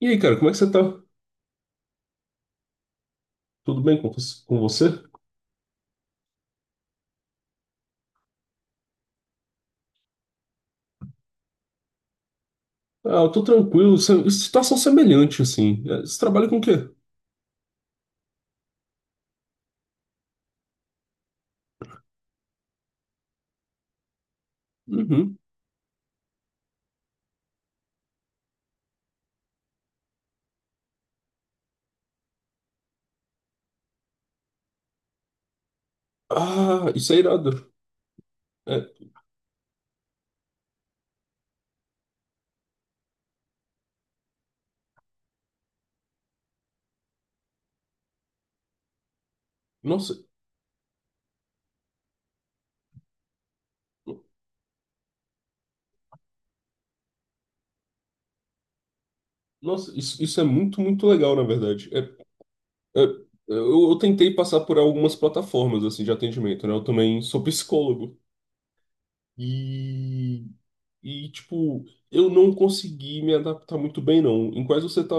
E aí, cara, como é que você tá? Tudo bem com você? Ah, eu tô tranquilo. Situação semelhante, assim. Você trabalha com o quê? Uhum. Ah, isso é irado. É, nossa, isso, isso é muito legal, na verdade. É, eu tentei passar por algumas plataformas, assim, de atendimento, né? Eu também sou psicólogo. E, tipo, eu não consegui me adaptar muito bem, não. Em quais você tá?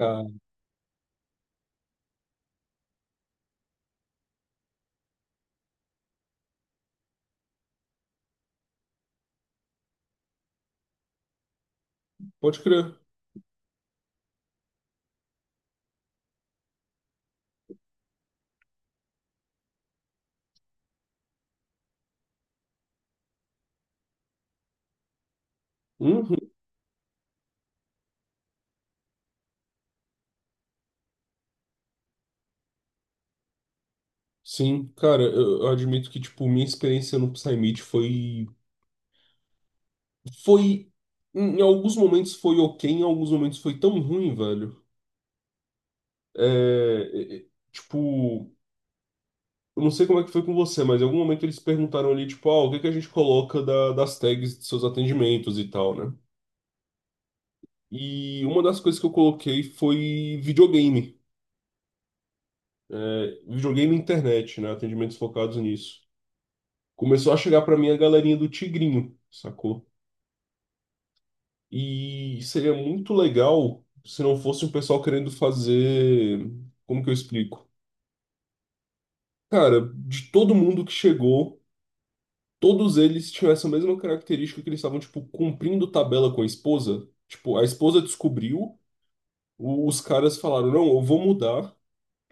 Ah, pode crer. Uhum. Sim, cara, eu admito que, tipo, minha experiência no Psymeet foi, em alguns momentos foi ok, em alguns momentos foi tão ruim, velho. É, é, é, tipo, eu não sei como é que foi com você, mas em algum momento eles perguntaram ali, tipo, ah, o que que a gente coloca das tags de seus atendimentos e tal, né? E uma das coisas que eu coloquei foi videogame, videogame e internet, né? Atendimentos focados nisso. Começou a chegar pra mim a galerinha do Tigrinho, sacou? E seria muito legal se não fosse um pessoal querendo fazer. Como que eu explico? Cara, de todo mundo que chegou, todos eles tinham essa mesma característica que eles estavam, tipo, cumprindo tabela com a esposa. Tipo, a esposa descobriu, os caras falaram, não, eu vou mudar.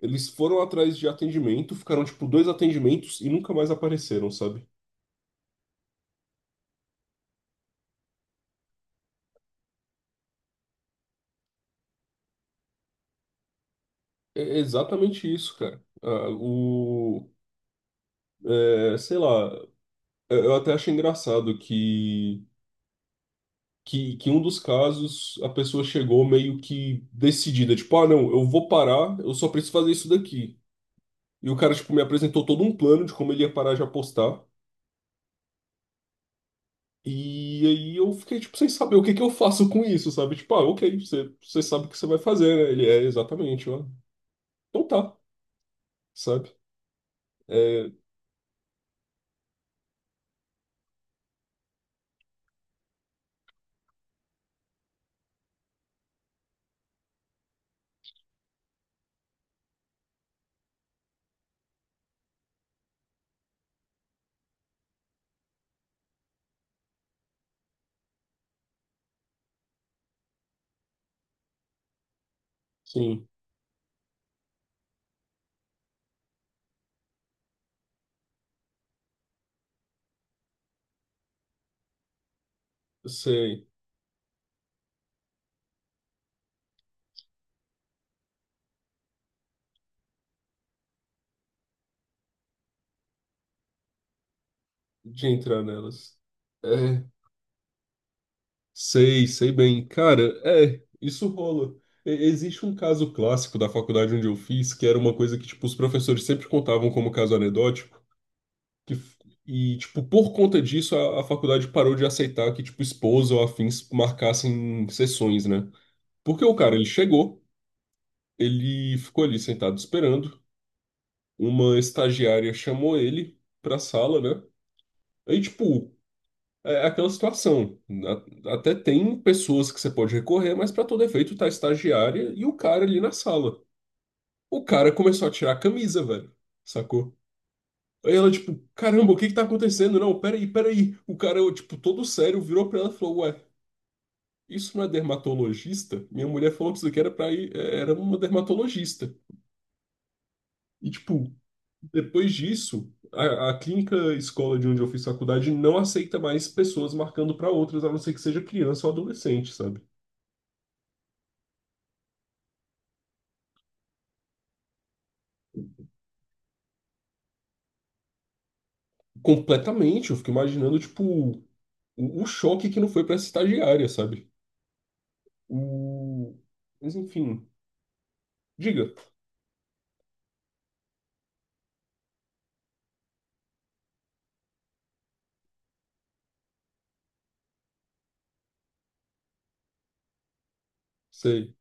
Eles foram atrás de atendimento, ficaram, tipo, dois atendimentos e nunca mais apareceram, sabe? É exatamente isso, cara. Ah, o. Sei lá, eu até achei engraçado que em um dos casos a pessoa chegou meio que decidida, tipo, ah, não, eu vou parar, eu só preciso fazer isso daqui. E o cara, tipo, me apresentou todo um plano de como ele ia parar de apostar. E aí eu fiquei, tipo, sem saber o que que eu faço com isso, sabe? Tipo, ah, ok, você sabe o que você vai fazer, né? Ele é exatamente, ó. Então tá, sabe? É, sim, eu sei de entrar nelas. É, sei, sei bem. Cara, é, isso rola. Existe um caso clássico da faculdade onde eu fiz, que era uma coisa que, tipo, os professores sempre contavam como caso anedótico, que, f- e, tipo, por conta disso, a faculdade parou de aceitar que, tipo, esposa ou afins marcassem sessões, né? Porque o cara, ele chegou, ele ficou ali sentado esperando, uma estagiária chamou ele pra sala, né? Aí, tipo, é é aquela situação. Até tem pessoas que você pode recorrer, mas para todo efeito tá a estagiária e o cara ali na sala. O cara começou a tirar a camisa, velho. Sacou? Aí ela, tipo, caramba, o que que tá acontecendo? Não, peraí, peraí. O cara, tipo, todo sério, virou pra ela e falou: Ué, isso não é dermatologista? Minha mulher falou que isso aqui era pra ir, era uma dermatologista. E, tipo, depois disso, a clínica escola de onde eu fiz faculdade não aceita mais pessoas marcando pra outras, a não ser que seja criança ou adolescente, sabe? Completamente, eu fico imaginando, tipo, o choque que não foi pra essa estagiária, sabe? O... Mas enfim, diga, sei,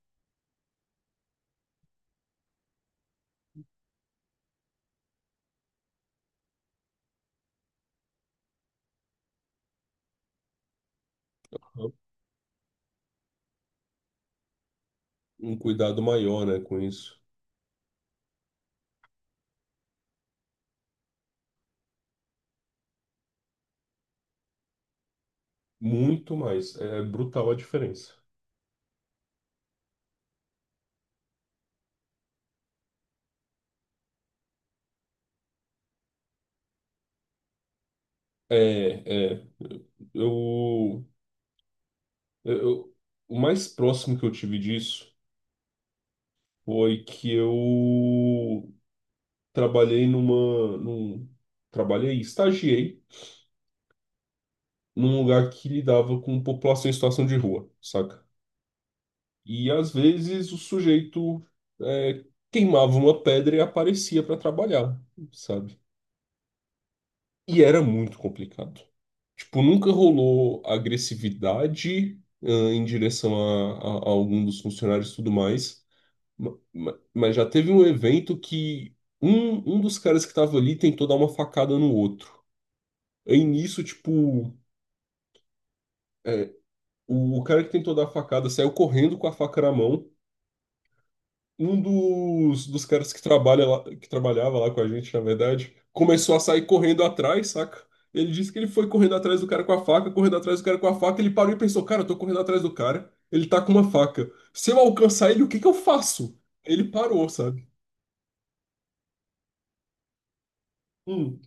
um cuidado maior, né, com isso. Muito mais, é brutal a diferença. É, é, eu, eu, o mais próximo que eu tive disso foi que eu trabalhei numa, num, trabalhei, estagiei num lugar que lidava com população em situação de rua, saca? E às vezes o sujeito é, queimava uma pedra e aparecia para trabalhar, sabe? E era muito complicado. Tipo, nunca rolou agressividade em direção a algum dos funcionários e tudo mais. Mas já teve um evento que um dos caras que tava ali tentou dar uma facada no outro. Aí nisso, tipo, é, o cara que tentou dar a facada saiu correndo com a faca na mão. Um, dos caras que trabalha lá, que trabalhava lá com a gente, na verdade, começou a sair correndo atrás, saca? Ele disse que ele foi correndo atrás do cara com a faca, correndo atrás do cara com a faca, ele parou e pensou, cara, eu tô correndo atrás do cara, ele tá com uma faca. Se eu alcançar ele, o que que eu faço? Ele parou, sabe? Hum.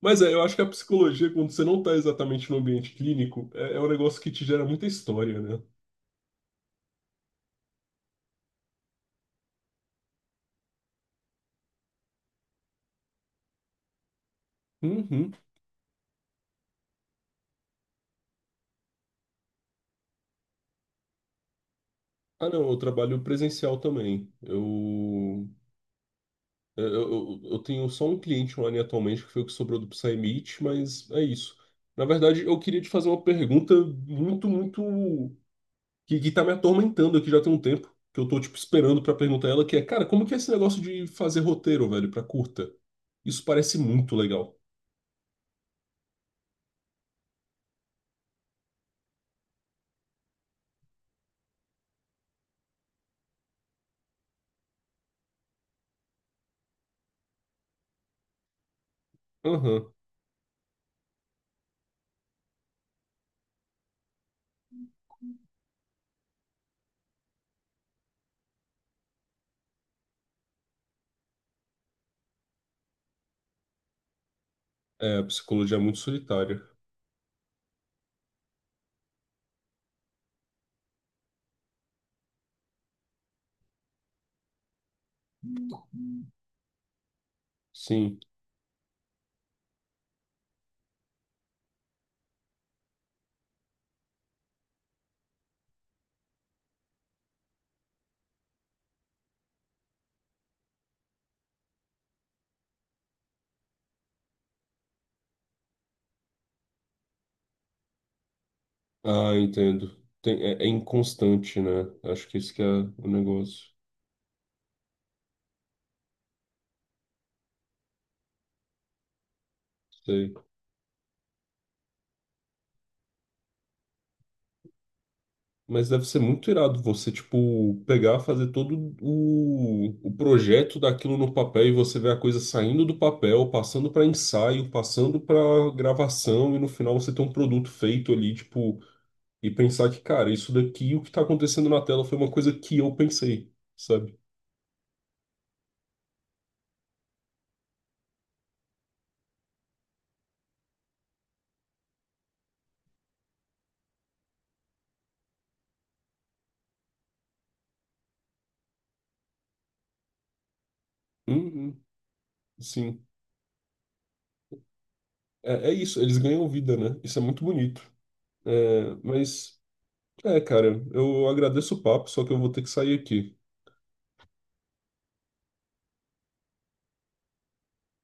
Mas é, eu acho que a psicologia, quando você não tá exatamente no ambiente clínico, é um negócio que te gera muita história, né? Uhum. Ah, não, eu trabalho presencial também. Eu tenho só um cliente online atualmente que foi o que sobrou do Psymeet, mas é isso. Na verdade, eu queria te fazer uma pergunta muito, muito. que tá me atormentando aqui já tem um tempo, que eu tô, tipo, esperando pra perguntar ela, que é, cara, como que é esse negócio de fazer roteiro, velho, pra curta? Isso parece muito legal. Aham. É, a psicologia é muito solitária. Sim. Ah, entendo. Tem- é, é inconstante, né? Acho que esse que é o negócio. Sei. Mas deve ser muito irado você, tipo, pegar, fazer todo o projeto daquilo no papel e você ver a coisa saindo do papel, passando para ensaio, passando para gravação e no final você ter um produto feito ali, tipo, e pensar que, cara, isso daqui, o que tá acontecendo na tela foi uma coisa que eu pensei, sabe? Uhum, sim. É, é isso, eles ganham vida, né? Isso é muito bonito. É, mas, é, cara, eu agradeço o papo, só que eu vou ter que sair aqui.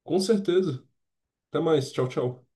Com certeza. Até mais. Tchau, tchau.